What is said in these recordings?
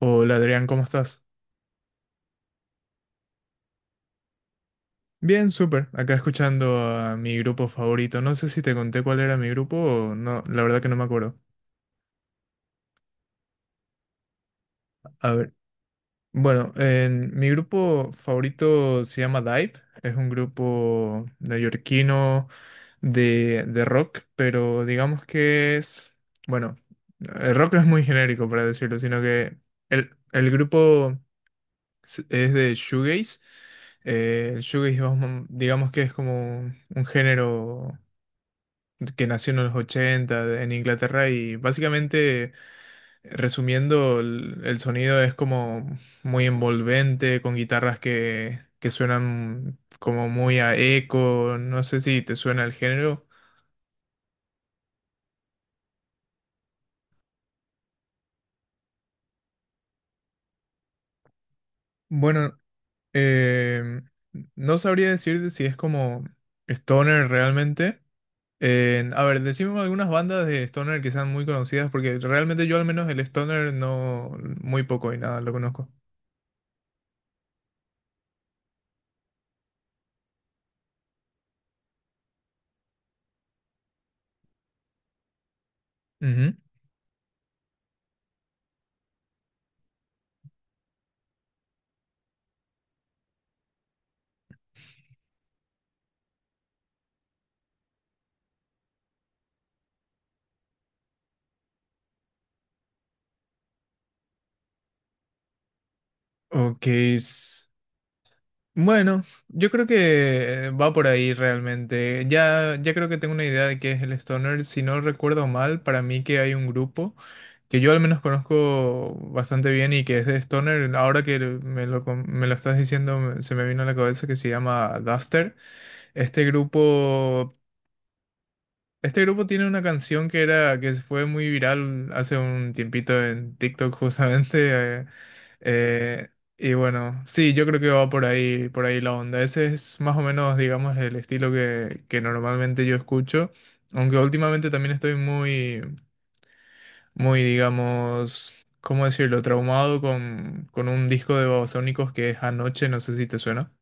Hola Adrián, ¿cómo estás? Bien, súper. Acá escuchando a mi grupo favorito. No sé si te conté cuál era mi grupo o no, la verdad que no me acuerdo. A ver, bueno, mi grupo favorito se llama Dive. Es un grupo neoyorquino de rock, pero digamos que es, bueno, el rock no es muy genérico para decirlo, sino que el grupo es de shoegaze. El shoegaze, vamos, digamos que es como un género que nació en los 80 en Inglaterra y básicamente, resumiendo, el sonido es como muy envolvente, con guitarras que suenan como muy a eco, no sé si te suena el género. Bueno, eh, no sabría decirte si es como stoner realmente. A ver, decime algunas bandas de stoner que sean muy conocidas, porque realmente yo al menos el stoner no, muy poco y nada, lo conozco. Ujú. Ok, s- bueno, yo creo que va por ahí realmente. Ya, ya creo que tengo una idea de qué es el stoner. Si no recuerdo mal, para mí que hay un grupo que yo al menos conozco bastante bien y que es de stoner. Ahora que me lo, me lo estás diciendo, se me vino a la cabeza que se llama Duster. Este grupo este grupo tiene una canción que era, que fue muy viral hace un tiempito en TikTok justamente. eh, eh, y bueno, sí, yo creo que va por ahí la onda. Ese es más o menos, digamos, el estilo que normalmente yo escucho. Aunque últimamente también estoy muy, muy, digamos, ¿cómo decirlo? Traumado con un disco de Babasónicos que es Anoche, no sé si te suena.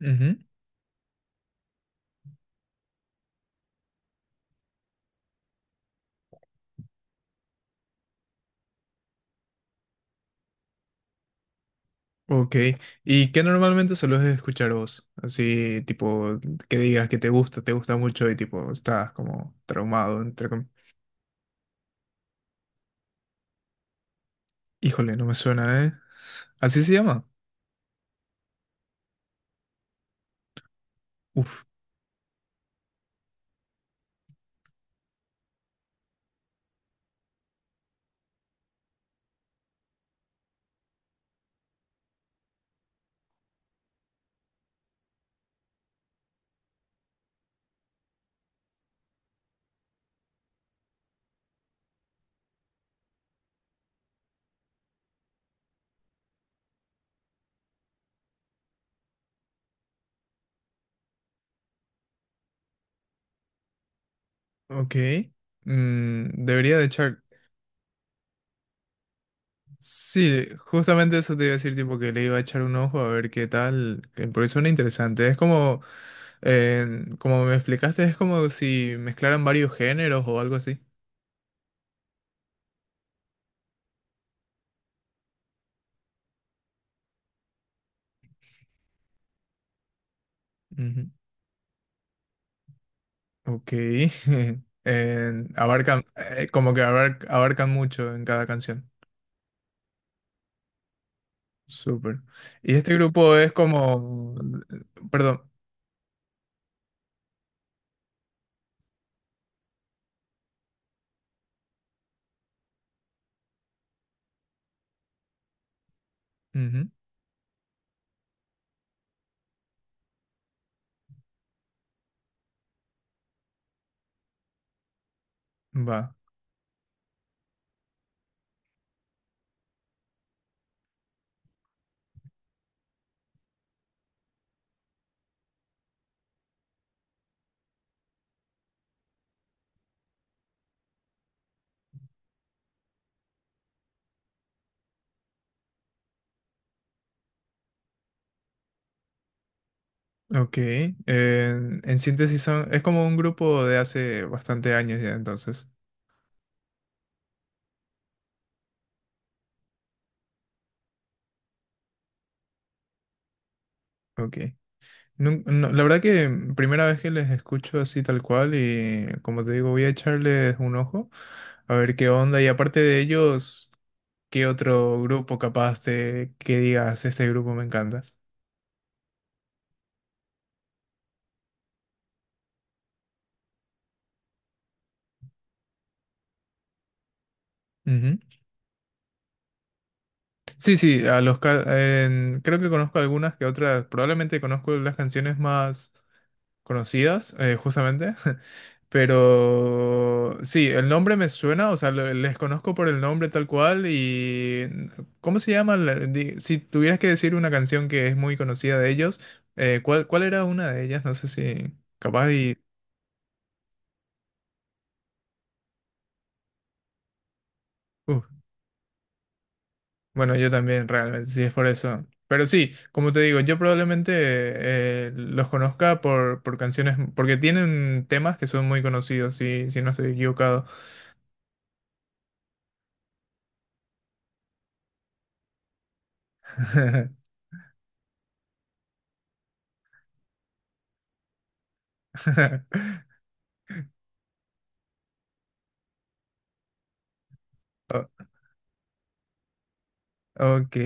Ujú. Ok, ¿y qué normalmente sueles escuchar vos? Así, tipo, que digas que te gusta mucho y tipo, estás como traumado, Híjole, no me suena, ¿eh? ¿Así se llama? Uf, ok. Mm, debería de echar... Sí, justamente eso te iba a decir, tipo, que le iba a echar un ojo a ver qué tal, porque suena interesante. Es como, como me explicaste, es como si mezclaran varios géneros o algo así. Ok. Abarcan, abarcan mucho en cada canción. Súper. Y este grupo es como... Perdón. Ujú. Va. Ok. En síntesis son, es como un grupo de hace bastante años ya entonces. Ok. No, la verdad que primera vez que les escucho así tal cual y como te digo voy a echarles un ojo a ver qué onda y aparte de ellos, ¿qué otro grupo capaz te que digas este grupo me encanta? Ujú. Sí, sí, a creo que conozco algunas que otras, probablemente conozco las canciones más conocidas, justamente, pero sí, el nombre me suena, o sea, les conozco por el nombre tal cual y ¿cómo se llama? Si tuvieras que decir una canción que es muy conocida de ellos, ¿cuál, cuál era una de ellas? No sé si capaz y... uh. Bueno, yo también, realmente, sí, es por eso. Pero sí, como te digo, yo probablemente los conozca por canciones, porque tienen temas que son muy conocidos, si, si no estoy equivocado. Ok,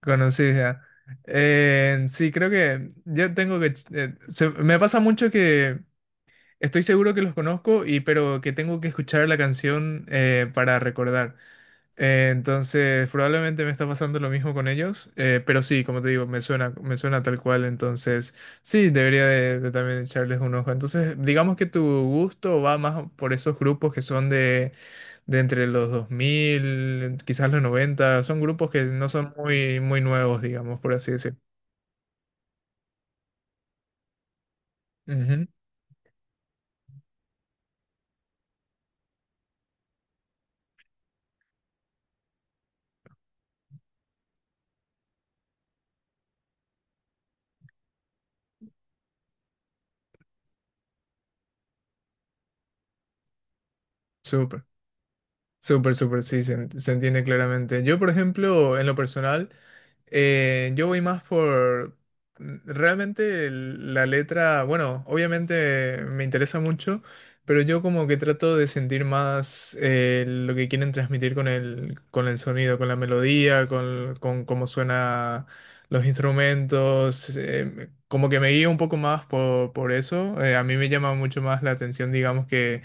conocida. Sí, creo que yo tengo que... me pasa mucho que estoy seguro que los conozco, y, pero que tengo que escuchar la canción para recordar. Entonces, probablemente me está pasando lo mismo con ellos, pero sí, como te digo, me suena tal cual, entonces sí, debería de también echarles un ojo. Entonces, digamos que tu gusto va más por esos grupos que son de entre los 2000, quizás los 90, son grupos que no son muy, muy nuevos, digamos, por así decirlo. Ujú. Súper. Súper, súper, sí, se entiende claramente. Yo, por ejemplo, en lo personal, yo voy más por mm, realmente la letra, bueno, obviamente me interesa mucho, pero yo como que trato de sentir más lo que quieren transmitir con el sonido, con la melodía, con cómo suena los instrumentos, como que me guío un poco más por eso. A mí me llama mucho más la atención, digamos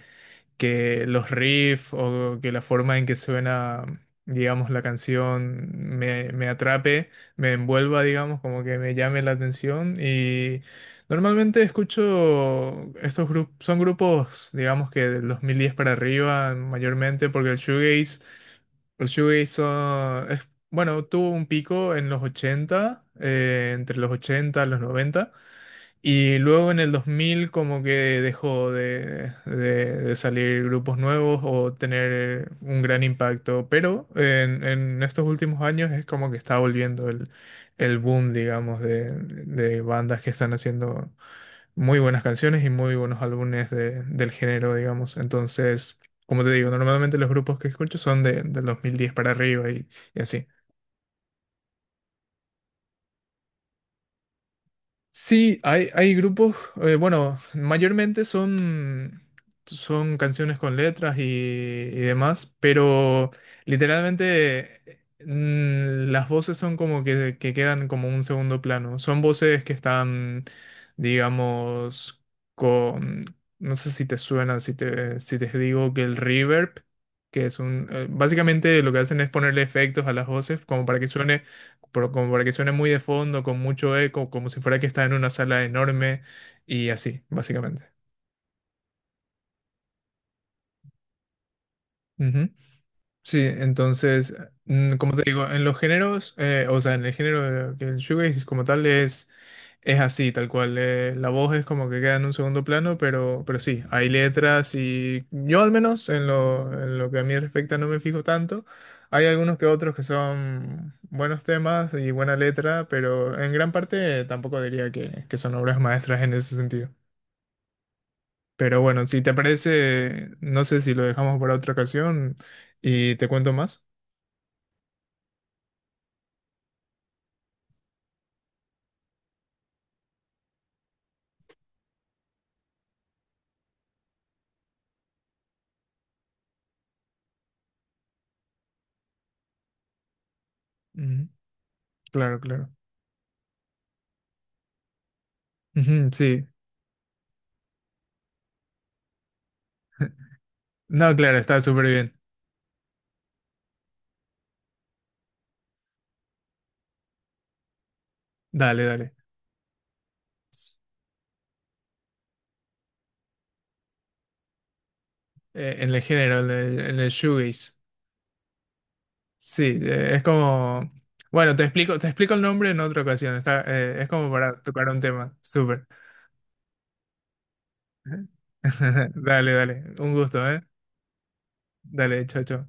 que los riffs o que la forma en que suena, digamos, la canción me atrape, me envuelva, digamos, como que me llame la atención. Y normalmente escucho estos grupos, son grupos, digamos, que del 2010 para arriba, mayormente, porque el shoegaze, es, bueno, tuvo un pico en los 80, entre los 80 y los 90. Y luego en el 2000 como que dejó de, de salir grupos nuevos o tener un gran impacto, pero en estos últimos años es como que está volviendo el boom, digamos, de bandas que están haciendo muy buenas canciones y muy buenos álbumes del género, digamos. Entonces, como te digo, normalmente los grupos que escucho son de, del 2010 para arriba y así. Sí, hay grupos, bueno, mayormente son, son canciones con letras y demás, pero literalmente mm, las voces son como que quedan como un segundo plano. Son voces que están, digamos, con, no sé si te suena, si te, si te digo que el reverb, que es un, básicamente lo que hacen es ponerle efectos a las voces como para que suene pero como para que suene muy de fondo, con mucho eco, como si fuera que está en una sala enorme y así, básicamente. Sí, entonces, mm, como te digo, en los géneros, o sea, en el género que el shoegaze como tal es así, tal cual. Eh, la voz es como que queda en un segundo plano, pero sí, hay letras y yo al menos en lo que a mí respecta no me fijo tanto. Hay algunos que otros que son buenos temas y buena letra, pero en gran parte tampoco diría que son obras maestras en ese sentido. Pero bueno, si te parece, no sé si lo dejamos para otra ocasión y te cuento más. Ujú. Claro, claro. Ujú, sí. No, claro, está súper bien. Dale, dale. En el género, en el shoegaze. Sí, es como... Bueno, te explico el nombre en otra ocasión. Está, es como para tocar un tema. Súper. Dale, dale. Un gusto, ¿eh? Dale, chao, chao.